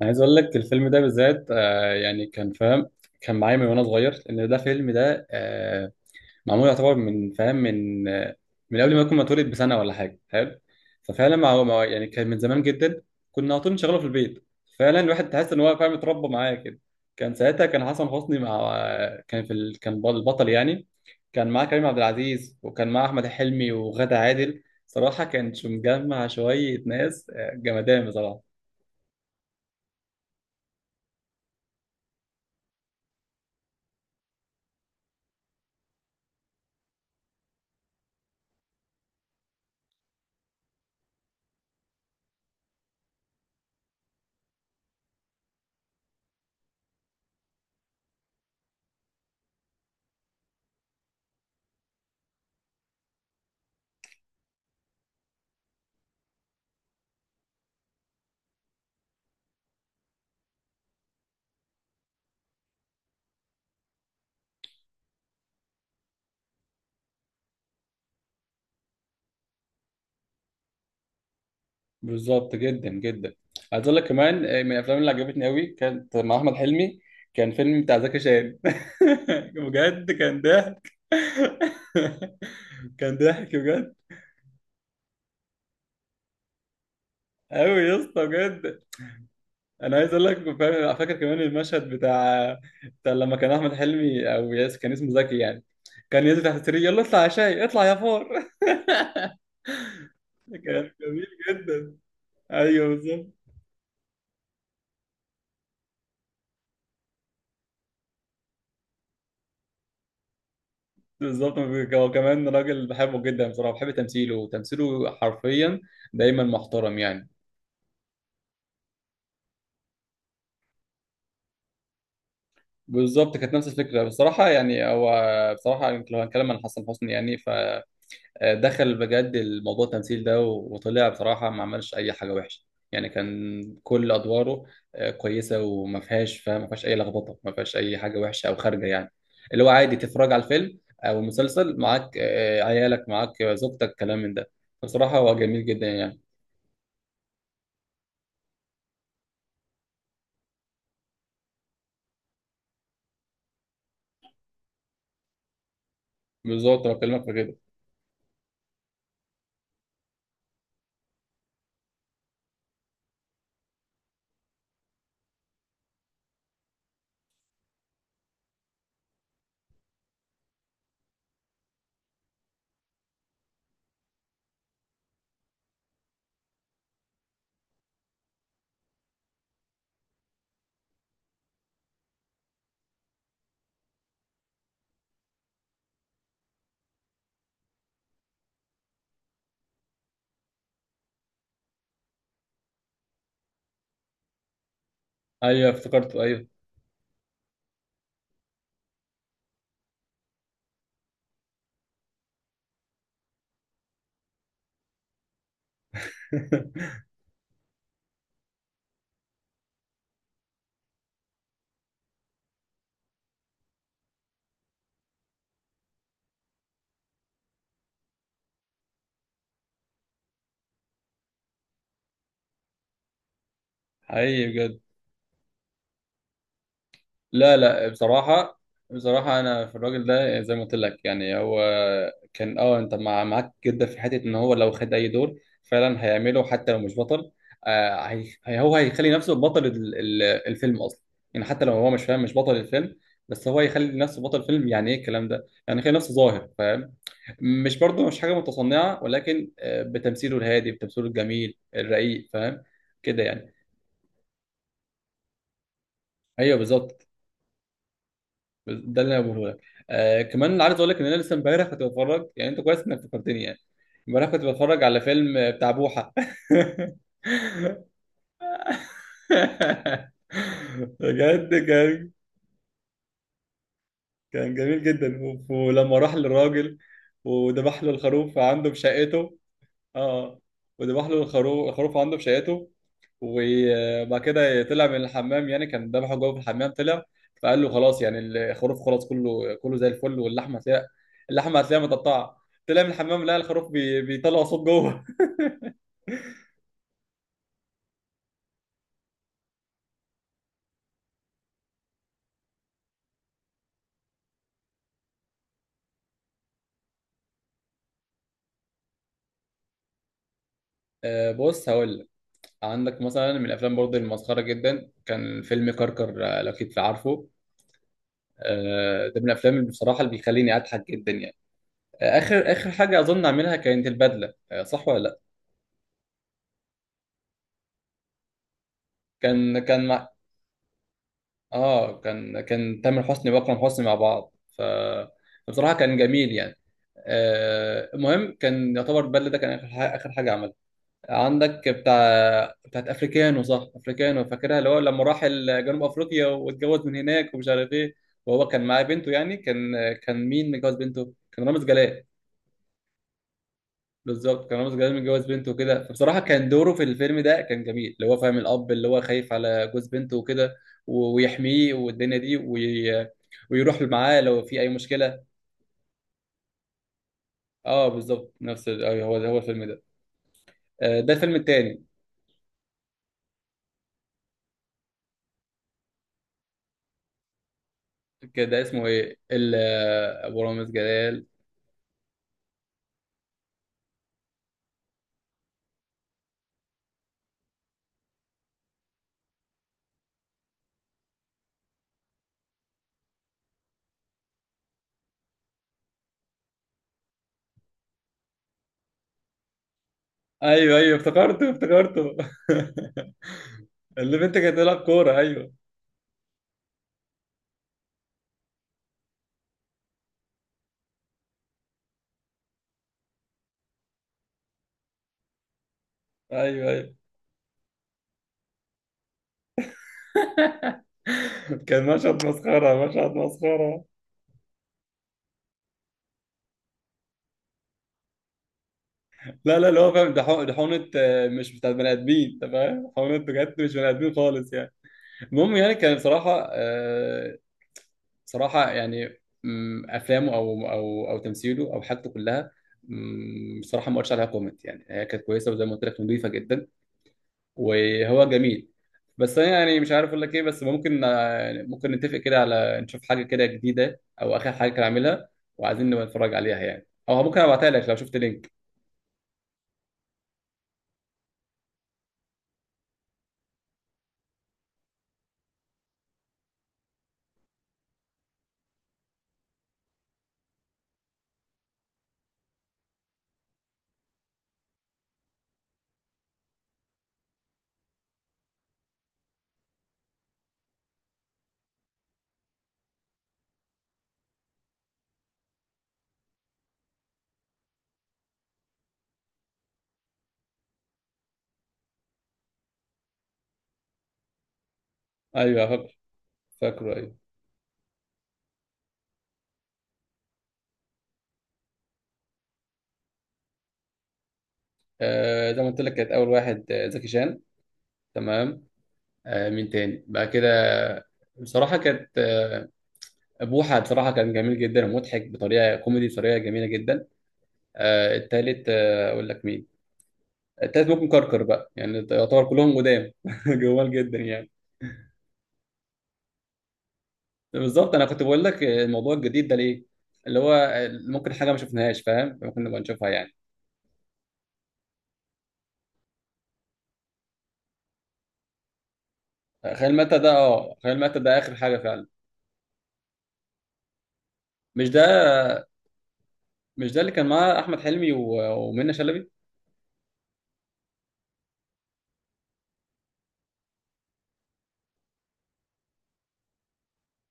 انا عايز اقول لك الفيلم ده بالذات، يعني كان فاهم. كان معايا من وانا صغير، لان ده فيلم ده معمول، يعتبر من فاهم، من قبل ما اكون متولد بسنه ولا حاجه. حلو. ففعلا يعني كان من زمان جدا. كنا على طول نشغله في البيت. فعلا الواحد تحس ان هو فاهم، اتربى معايا كده. كان ساعتها حسن حسني مع، كان البطل يعني. كان معاه كريم عبد العزيز، وكان معاه احمد حلمي وغادة عادل. صراحه كان مجمع شويه ناس، جمدان بصراحه. بالظبط، جدا جدا. عايز اقول لك كمان، من الافلام اللي عجبتني قوي، كانت مع احمد حلمي. كان فيلم بتاع زكي شان. بجد كان ضحك. كان ضحك بجد. قوي يا اسطى بجد. انا عايز اقول لك فاهم، فاكر كمان المشهد بتاع بتاع لما كان احمد حلمي او ياس، كان اسمه زكي يعني. كان ينزل تحت السرير: يلا اطلع يا شاي، اطلع يا فار. كان جميل جدا. ايوه، بالظبط. بالظبط، هو كمان راجل بحبه جدا بصراحه، بحب تمثيله، وتمثيله حرفيا دايما محترم يعني. بالظبط، كانت نفس الفكره بصراحه، يعني هو بصراحه يمكن لو هنتكلم عن حسن حسني يعني، فدخل بجد الموضوع، التمثيل ده، وطلع بصراحه ما عملش اي حاجه وحشه. يعني كان كل ادواره، كويسه، وما فيهاش فاهم، ما فيهاش اي لخبطه، ما فيهاش اي حاجه وحشه او خارجه يعني، اللي هو عادي تتفرج على الفيلم او المسلسل معاك، عيالك معاك، زوجتك، كلام من ده. بصراحه هو جميل جدا يعني. بالظبط، انا بكلمك في كده. ايوه، افتكرته، ايوه. حقيقي بجد. لا، لا، بصراحه. بصراحه انا في الراجل ده زي ما قلت لك يعني، هو كان، انت معاك جدا في حته ان هو لو خد اي دور فعلا هيعمله حتى لو مش بطل. هو هيخلي نفسه بطل الفيلم اصلا. يعني حتى لو هو مش، فاهم، مش بطل الفيلم، بس هو هيخلي نفسه بطل فيلم، يعني ايه الكلام ده؟ يعني يخلي نفسه ظاهر، فاهم. مش، برضو مش حاجة متصنعة، ولكن بتمثيله الهادي، بتمثيله الجميل الرقيق، فاهم كده يعني. ايوه، بالظبط. ده اللي انا بقوله لك. كمان عايز اقول لك ان انا لسه امبارح كنت بتفرج، يعني انت كويس انك فكرتني يعني. امبارح كنت بتفرج على فيلم بتاع بوحة. بجد كان جميل جدا. ولما راح للراجل وذبح له الخروف عنده في شقته. اه، وذبح له الخروف عنده في شقته. وبعد كده طلع من الحمام، يعني كان ذبحه جوه في الحمام، طلع فقال له: خلاص يعني، الخروف خلاص، كله كله زي الفل، واللحمه هتلاقي. اللحمه هتلاقيها متقطعه. طلع من الحمام لقى الخروف بيطلع صوت جوه. بص، هقول لك. عندك مثلا من الافلام برضه المسخره جدا، كان فيلم كركر، لو كنت عارفه. ده من الافلام اللي بصراحه اللي بيخليني اضحك جدا يعني. اخر اخر حاجه اظن اعملها كانت البدله، صح ولا لا؟ كان كان مع- اه، كان تامر حسني واكرم حسني مع بعض. ف بصراحه كان جميل يعني. المهم كان يعتبر البدله ده كان اخر حاجه، اخر حاجه عملها. عندك بتاعت افريكانو، صح؟ افريكانو فاكرها، اللي هو لما راح جنوب افريقيا واتجوز من هناك ومش عارف ايه. وهو كان معاه بنته، يعني كان مين متجوز بنته؟ كان رامز جلال. بالظبط، كان رامز جلال متجوز بنته وكده، فبصراحه كان دوره في الفيلم ده كان جميل، اللي هو فاهم الاب اللي هو خايف على جوز بنته وكده، ويحميه والدنيا دي ويروح معاه لو في اي مشكله. اه، بالظبط نفس أيوه، هو الفيلم ده. ده الفيلم التاني. كان ده اسمه ايه ال... آه، ابو رامز جلال. ايوه، ايوه، افتكرته افتكرته. اللي بنت كانت تلعب كوره. ايوه، ايوه، ايوه. كان مشهد مسخره، مشهد مسخره. لا، لا، اللي هو فاهم ده ده حقنة، مش بتاعت بني ادمين، انت فاهم، حقنة بجد مش بني ادمين خالص يعني. المهم يعني كان بصراحة، صراحة يعني، افلامه او تمثيله او حاجته كلها، بصراحة ما قلتش عليها كومنت، يعني هي كانت كويسة، وزي ما قلت لك نظيفة جدا، وهو جميل. بس انا يعني مش عارف اقول لك ايه، بس ممكن يعني ممكن نتفق كده على نشوف حاجة كده جديدة او اخر حاجة كان عاملها، وعايزين نبقى نتفرج عليها يعني، او ممكن ابعتها لك لو شفت لينك. ايوه، فاكر. فاكره، أيوة. زي ما قلت لك، كانت اول واحد زكي شان. تمام. مين تاني بعد كده؟ بصراحه كانت بوحه. بصراحه كان جميل جدا ومضحك بطريقه كوميدي، بطريقه جميله جدا. التالت اقول لك مين. التالت ممكن كركر بقى، يعني يعتبر كلهم قدام. جمال جدا يعني. بالظبط، انا كنت بقول لك الموضوع الجديد ده ليه، اللي هو ممكن حاجه ما شفناهاش، فاهم، ممكن نبقى نشوفها يعني. خيال مات ده. اه، خيال مات ده اخر حاجه فعلا. مش ده، مش ده اللي كان معاه احمد حلمي ومنى شلبي.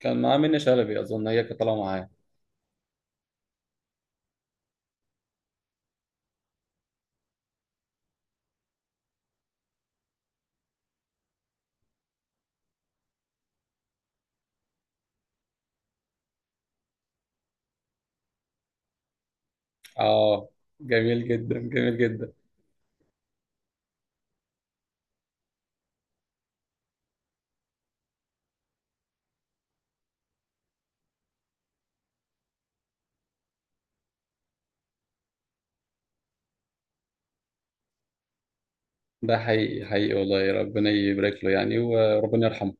كان معاه منة شلبي اظن، هي كانت طالعه معاه. اه، جميل جدا، جميل جدا. ده حقيقي، حقيقي والله، ربنا يبارك له يعني، وربنا يرحمه.